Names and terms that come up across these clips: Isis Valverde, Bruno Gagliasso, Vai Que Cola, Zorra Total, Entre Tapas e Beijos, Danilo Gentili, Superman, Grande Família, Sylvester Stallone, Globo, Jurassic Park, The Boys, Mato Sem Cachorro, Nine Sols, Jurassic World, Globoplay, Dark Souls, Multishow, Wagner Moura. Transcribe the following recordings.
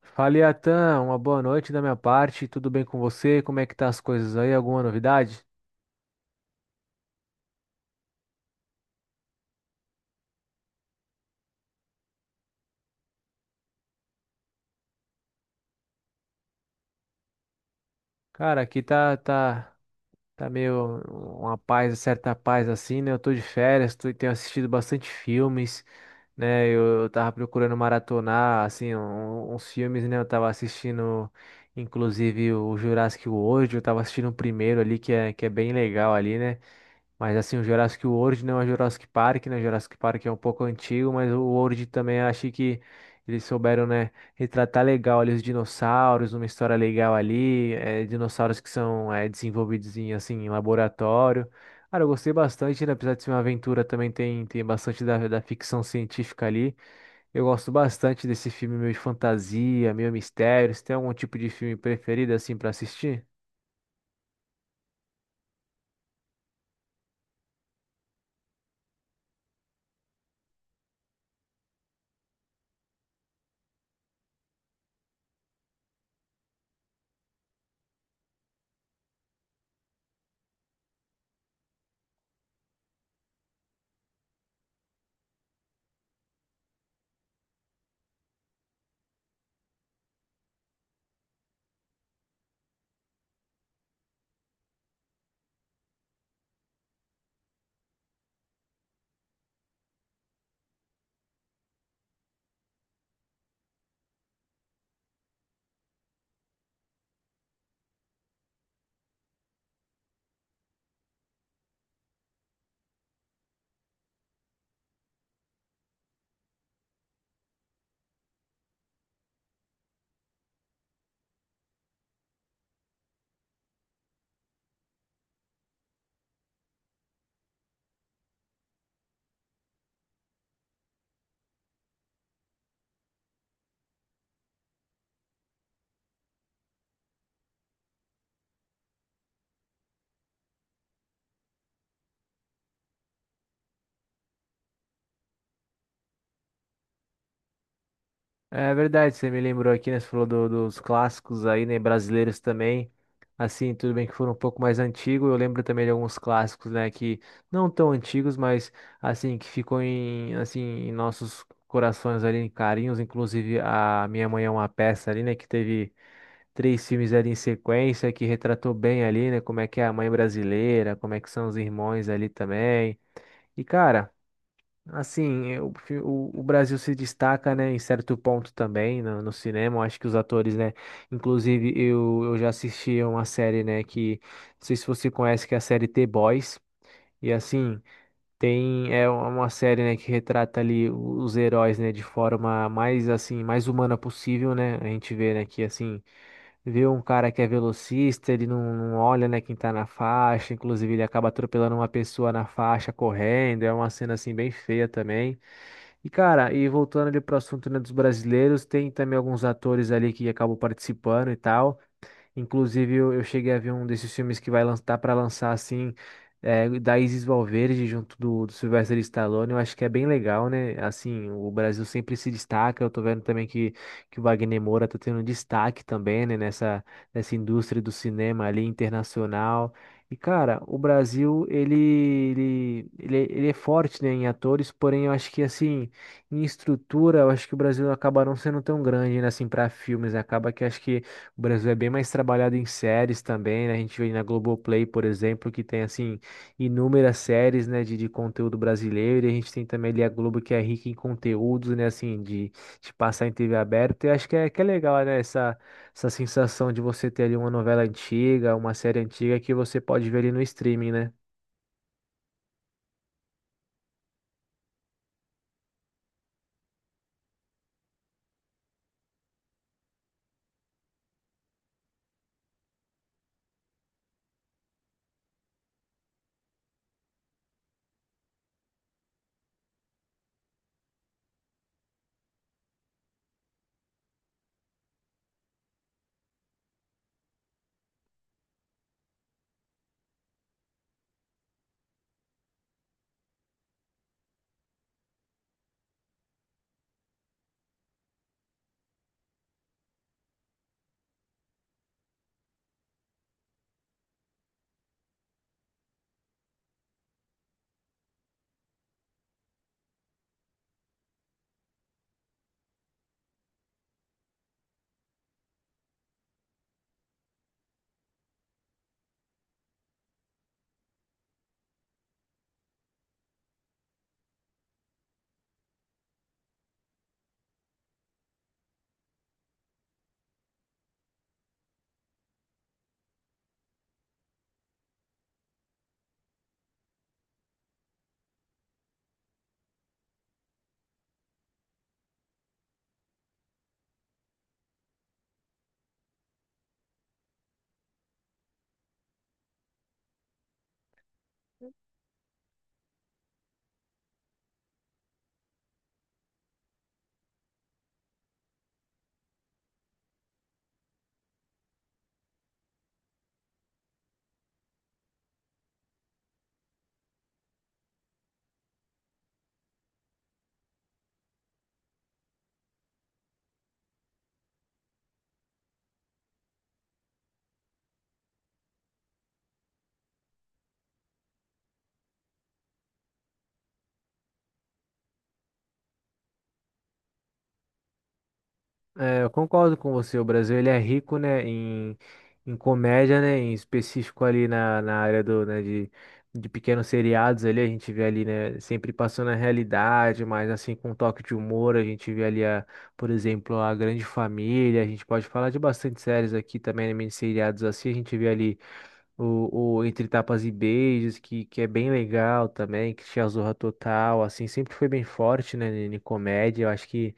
Fala, Iatan, uma boa noite da minha parte. Tudo bem com você? Como é que tá as coisas aí? Alguma novidade? Cara, aqui tá. Tá meio uma paz, certa paz assim, né? Eu tô de férias, tô, tenho assistido bastante filmes, né? Eu tava procurando maratonar, assim, uns filmes, né? Eu tava assistindo, inclusive, o Jurassic World, eu tava assistindo o primeiro ali, que é bem legal ali, né? Mas assim, o Jurassic World não é Jurassic Park, né? Jurassic Park é um pouco antigo, mas o World também achei que eles souberam, né? Retratar legal ali os dinossauros, uma história legal ali, é, dinossauros que são é, desenvolvidos em, assim, em laboratório. Cara, eu gostei bastante, né? Apesar de ser uma aventura, também tem bastante da ficção científica ali. Eu gosto bastante desse filme meio de fantasia, meio mistério. Você tem algum tipo de filme preferido, assim, para assistir? É verdade, você me lembrou aqui, né? Você falou dos clássicos aí, né? Brasileiros também. Assim, tudo bem que foram um pouco mais antigos. Eu lembro também de alguns clássicos, né? Que não tão antigos, mas assim, que ficou em, assim, em nossos corações ali, em carinhos. Inclusive, a Minha Mãe é uma peça ali, né? Que teve três filmes ali em sequência, que retratou bem ali, né? Como é que é a mãe brasileira, como é que são os irmãos ali também. E, cara. Assim, eu prefiro. O Brasil se destaca, né, em certo ponto também no cinema. Eu acho que os atores, né, inclusive eu já assisti a uma série, né, que não sei se você conhece, que é a série The Boys. E assim, tem é uma série, né, que retrata ali os heróis, né, de forma mais assim, mais humana possível, né? A gente vê, né, que assim, vê um cara que é velocista, ele não olha, né, quem tá na faixa, inclusive ele acaba atropelando uma pessoa na faixa correndo, é uma cena assim bem feia também. E cara, e voltando ali pro assunto, né, dos brasileiros, tem também alguns atores ali que acabam participando e tal. Inclusive, eu cheguei a ver um desses filmes que vai lançar para lançar assim, é, da Isis Valverde junto do Sylvester Stallone. Eu acho que é bem legal, né? Assim, o Brasil sempre se destaca. Eu tô vendo também que o Wagner Moura tá tendo destaque também, né? Nessa indústria do cinema ali internacional. E, cara, o Brasil, ele é forte, né, em atores, porém eu acho que, assim, em estrutura, eu acho que o Brasil acaba não sendo tão grande, né, assim, para filmes. Acaba que acho que o Brasil é bem mais trabalhado em séries também, né? A gente vê na Globoplay, por exemplo, que tem assim inúmeras séries, né, de conteúdo brasileiro, e a gente tem também ali a Globo que é rica em conteúdos, né, assim, de passar em TV aberta. E acho que é legal, né, essa sensação de você ter ali uma novela antiga, uma série antiga que você pode ver ali no streaming, né? É, eu concordo com você. O Brasil ele é rico, né, em, em comédia, né, em específico ali na, na área do, né, de pequenos seriados ali, a gente vê ali, né, sempre passando a realidade, mas assim com um toque de humor, a gente vê ali, a, por exemplo, a Grande Família, a gente pode falar de bastante séries aqui também, né, mini seriados assim, a gente vê ali o Entre Tapas e Beijos, que é bem legal também, que tinha a Zorra Total, assim, sempre foi bem forte, né, em em comédia. Eu acho que,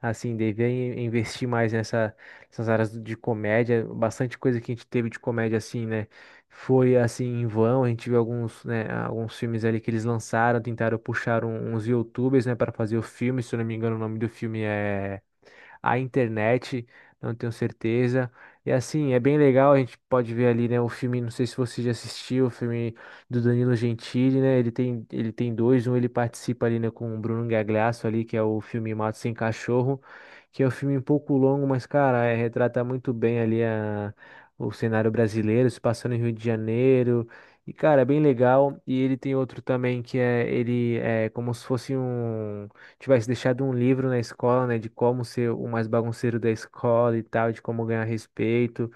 assim, devia investir mais nessa, nessas áreas de comédia. Bastante coisa que a gente teve de comédia, assim, né, foi, assim, em vão. A gente viu alguns, né, alguns filmes ali que eles lançaram, tentaram puxar uns YouTubers, né, para fazer o filme. Se eu não me engano, o nome do filme é a internet, não tenho certeza. E assim, é bem legal, a gente pode ver ali, né, o filme, não sei se você já assistiu, o filme do Danilo Gentili, né? Ele tem dois, um ele participa ali, né, com o Bruno Gagliasso ali, que é o filme Mato Sem Cachorro, que é um filme um pouco longo, mas cara, é, retrata muito bem ali a, o cenário brasileiro, se passando em Rio de Janeiro. E, cara, é bem legal. E ele tem outro também que é ele é como se fosse um tivesse deixado um livro na escola, né, de como ser o mais bagunceiro da escola e tal, de como ganhar respeito.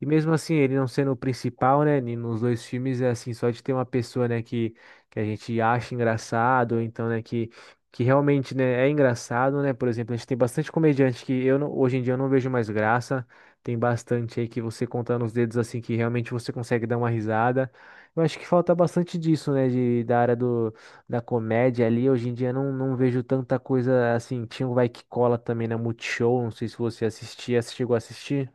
E mesmo assim, ele não sendo o principal, né, nos dois filmes, é assim, só de ter uma pessoa, né, que a gente acha engraçado, ou então, né, que realmente, né, é engraçado, né, por exemplo, a gente tem bastante comediante que eu não- hoje em dia eu não vejo mais graça, tem bastante aí que você contando os dedos, assim, que realmente você consegue dar uma risada. Eu acho que falta bastante disso, né, de, da área do da comédia ali, hoje em dia não vejo tanta coisa assim. Tinha o Vai Que Cola também na Multishow, não sei se você assistia, se chegou a assistir.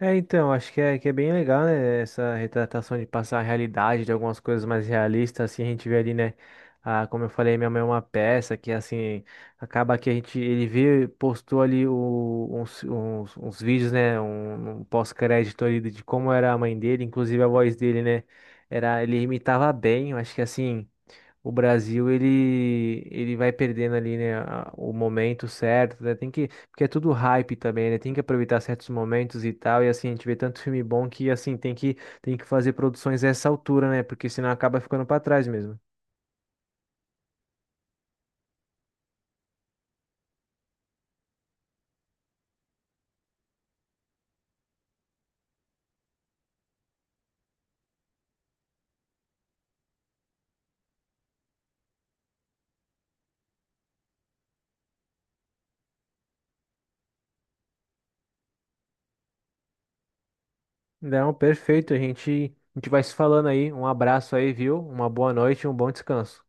É, então, acho que é bem legal, né? Essa retratação de passar a realidade de algumas coisas mais realistas, assim, a gente vê ali, né? Ah, como eu falei, minha mãe é uma peça que, assim, acaba que a gente, ele vê, postou ali uns vídeos, né? Um pós-crédito ali de como era a mãe dele, inclusive a voz dele, né? Era, ele imitava bem, eu acho que, assim, o Brasil ele vai perdendo ali, né, o momento certo, né? Tem que, porque é tudo hype também, né? Tem que aproveitar certos momentos e tal, e assim, a gente vê tanto filme bom que assim tem que fazer produções a essa altura, né? Porque senão acaba ficando para trás mesmo. Não, perfeito, a gente vai se falando aí. Um abraço aí, viu? Uma boa noite, e um bom descanso.